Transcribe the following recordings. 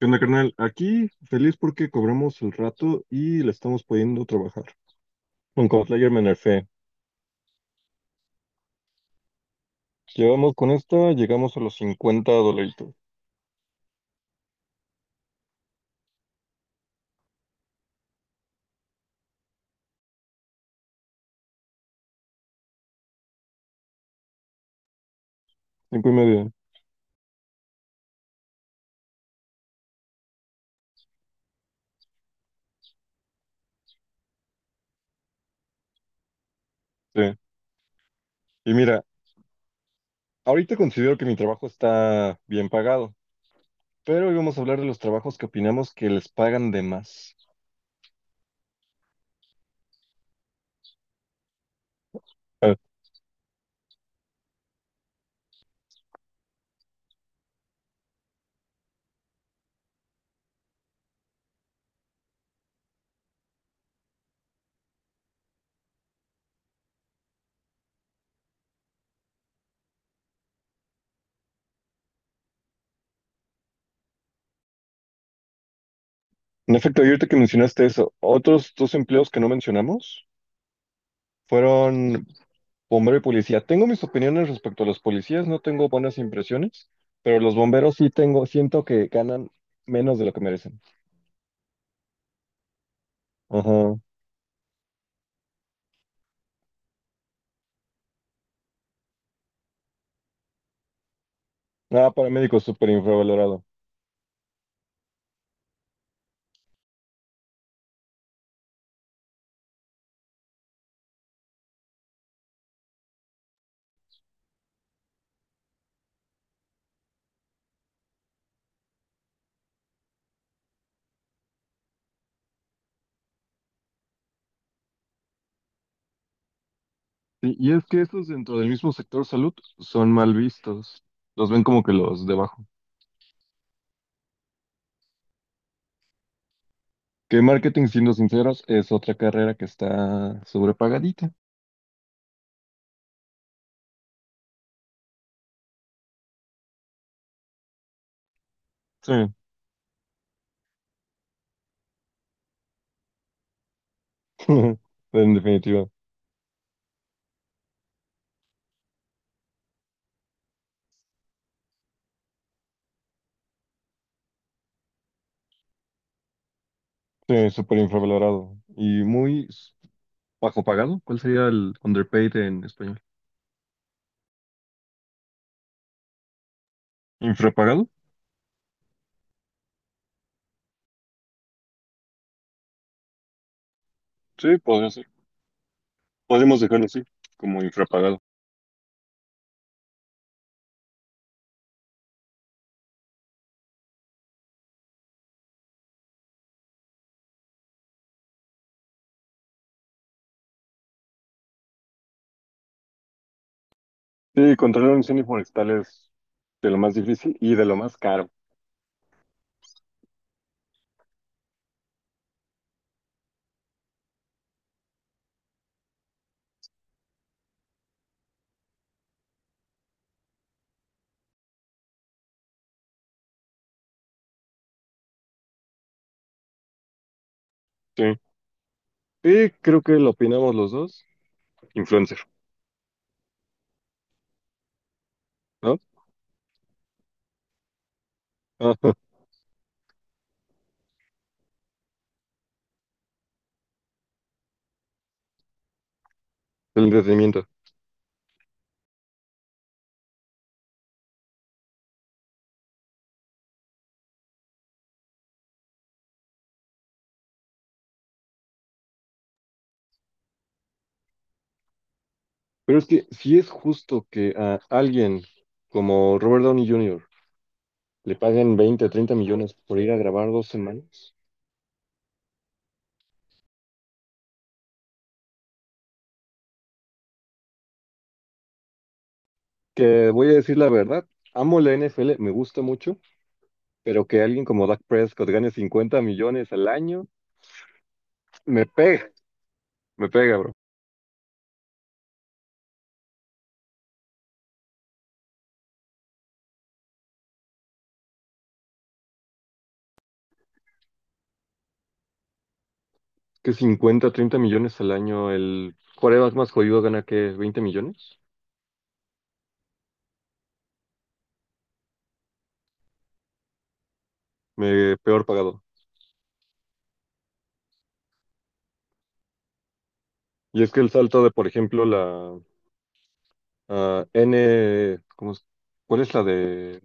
¿Qué onda, carnal? Aquí feliz porque cobramos el rato y le estamos pudiendo trabajar. Con Cosplayer me nerfé. Llevamos con esta, llegamos a los 50 dolaritos. Cinco y medio. Sí. Y mira, ahorita considero que mi trabajo está bien pagado, pero hoy vamos a hablar de los trabajos que opinamos que les pagan de más. Ah, en efecto, y ahorita que mencionaste eso, otros dos empleos que no mencionamos fueron bombero y policía. Tengo mis opiniones respecto a los policías, no tengo buenas impresiones, pero los bomberos sí tengo, siento que ganan menos de lo que merecen. Ajá. Ah, paramédico súper infravalorado. Sí, y es que estos dentro del mismo sector salud son mal vistos. Los ven como que los debajo. Que marketing, siendo sinceros, es otra carrera que está sobrepagadita. Sí, en definitiva. Sí, súper infravalorado. Y muy bajo pagado. ¿Cuál sería el underpaid en español? ¿Infrapagado? Sí, podría ser. Podemos dejarlo así, como infrapagado. Sí, controlar un incendio forestal es de lo más difícil y de lo más caro. Sí. Y creo que lo opinamos los dos. Influencer, ¿no? Ajá, el entretenimiento. Pero es que si es justo que a alguien como Robert Downey Jr. le paguen 20 o 30 millones por ir a grabar 2 semanas, que voy a decir la verdad, amo la NFL, me gusta mucho, pero que alguien como Dak Prescott gane 50 millones al año, me pega, me pega, bro. Que 50, 30 millones al año, el quarterback más jodido gana que 20 millones, peor pagado. Y es que el salto de, por ejemplo, la ¿cómo es? ¿Cuál es la de?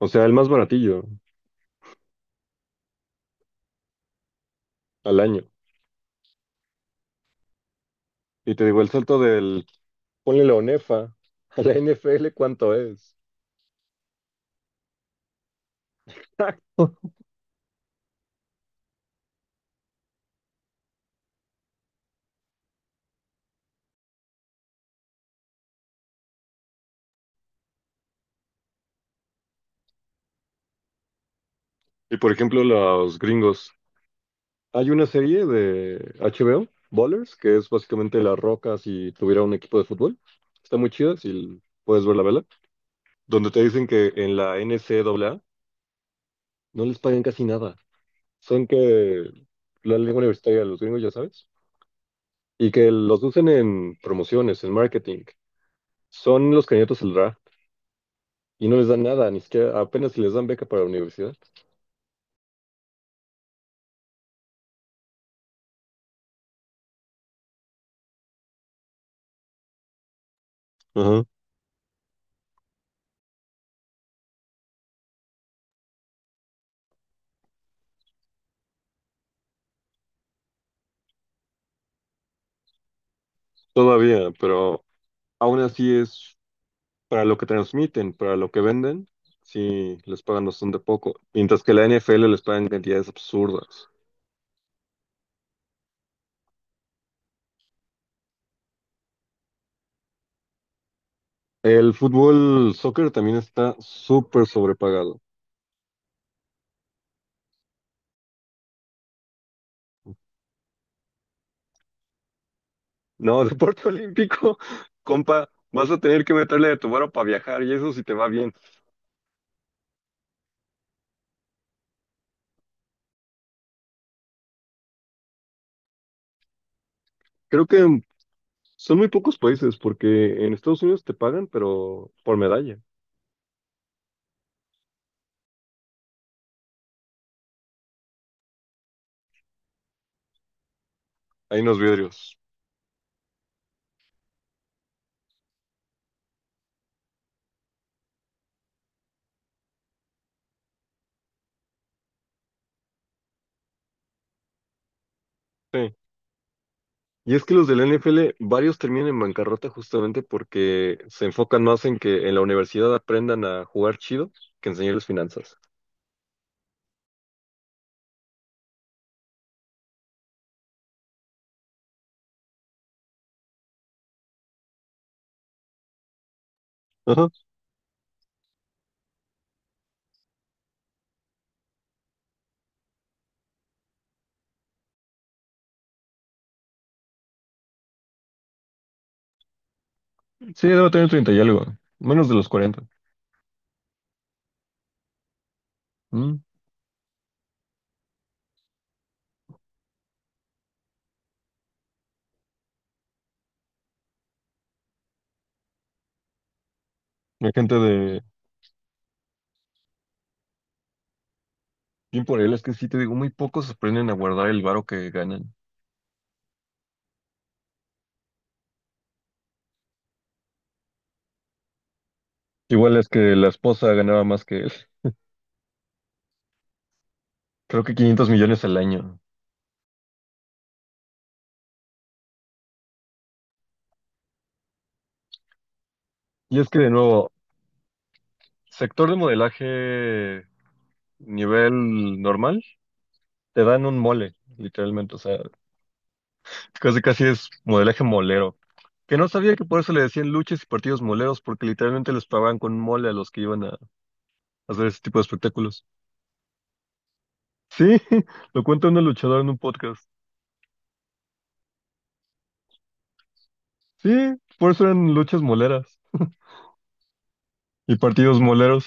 O sea, el más baratillo al año. Y te digo, el salto del, ponle la ONEFA a la NFL, ¿cuánto es? Exacto. Y por ejemplo, los gringos. Hay una serie de HBO, Ballers, que es básicamente La Roca si tuviera un equipo de fútbol. Está muy chida, si puedes ver la vela. Donde te dicen que en la N C NCAA no les pagan casi nada. Son que la lengua universitaria de los gringos, ya sabes, y que los usen en promociones, en marketing. Son los candidatos al draft y no les dan nada, ni siquiera apenas si les dan beca para la universidad. Ajá. Todavía, pero aún así es para lo que transmiten, para lo que venden, sí les pagan bastante poco, mientras que la N F L les pagan cantidades absurdas. El fútbol, soccer también está súper sobrepagado. No, deporte olímpico, compa, vas a tener que meterle de tu varo para viajar y eso si te va bien. Creo que son muy pocos países porque en Estados Unidos te pagan, pero por medalla. Hay unos vidrios. Sí. Y es que los de la NFL, varios terminan en bancarrota justamente porque se enfocan más en que en la universidad aprendan a jugar chido que enseñarles finanzas. Ajá. Sí, debo tener treinta y algo, menos de los 40. Mm. Hay gente de... Bien por él, es que sí te digo, muy pocos aprenden a guardar el varo que ganan. Igual es que la esposa ganaba más que él. Creo que 500 millones al año. Y es que, de nuevo, sector de modelaje nivel normal, te dan un mole, literalmente. O sea, casi casi es modelaje molero. Que no sabía que por eso le decían luchas y partidos moleros, porque literalmente les pagaban con mole a los que iban a hacer ese tipo de espectáculos. Sí, lo cuenta una luchadora en un podcast. Sí, por eso eran luchas moleras y partidos moleros.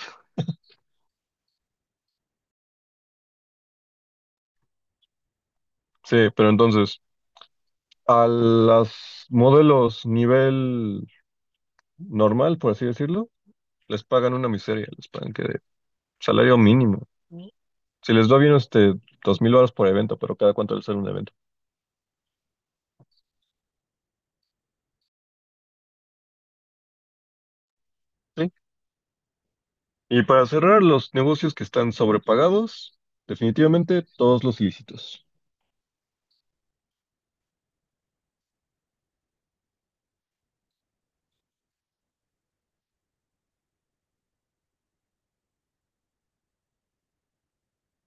Sí, pero entonces. A los modelos nivel normal, por así decirlo, les pagan una miseria, les pagan que de salario mínimo. Si les va bien, este, 2,000 dólares por evento, pero cada cuánto les sale un evento. ¿Sí? Y para cerrar, los negocios que están sobrepagados, definitivamente todos los ilícitos.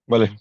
Vale,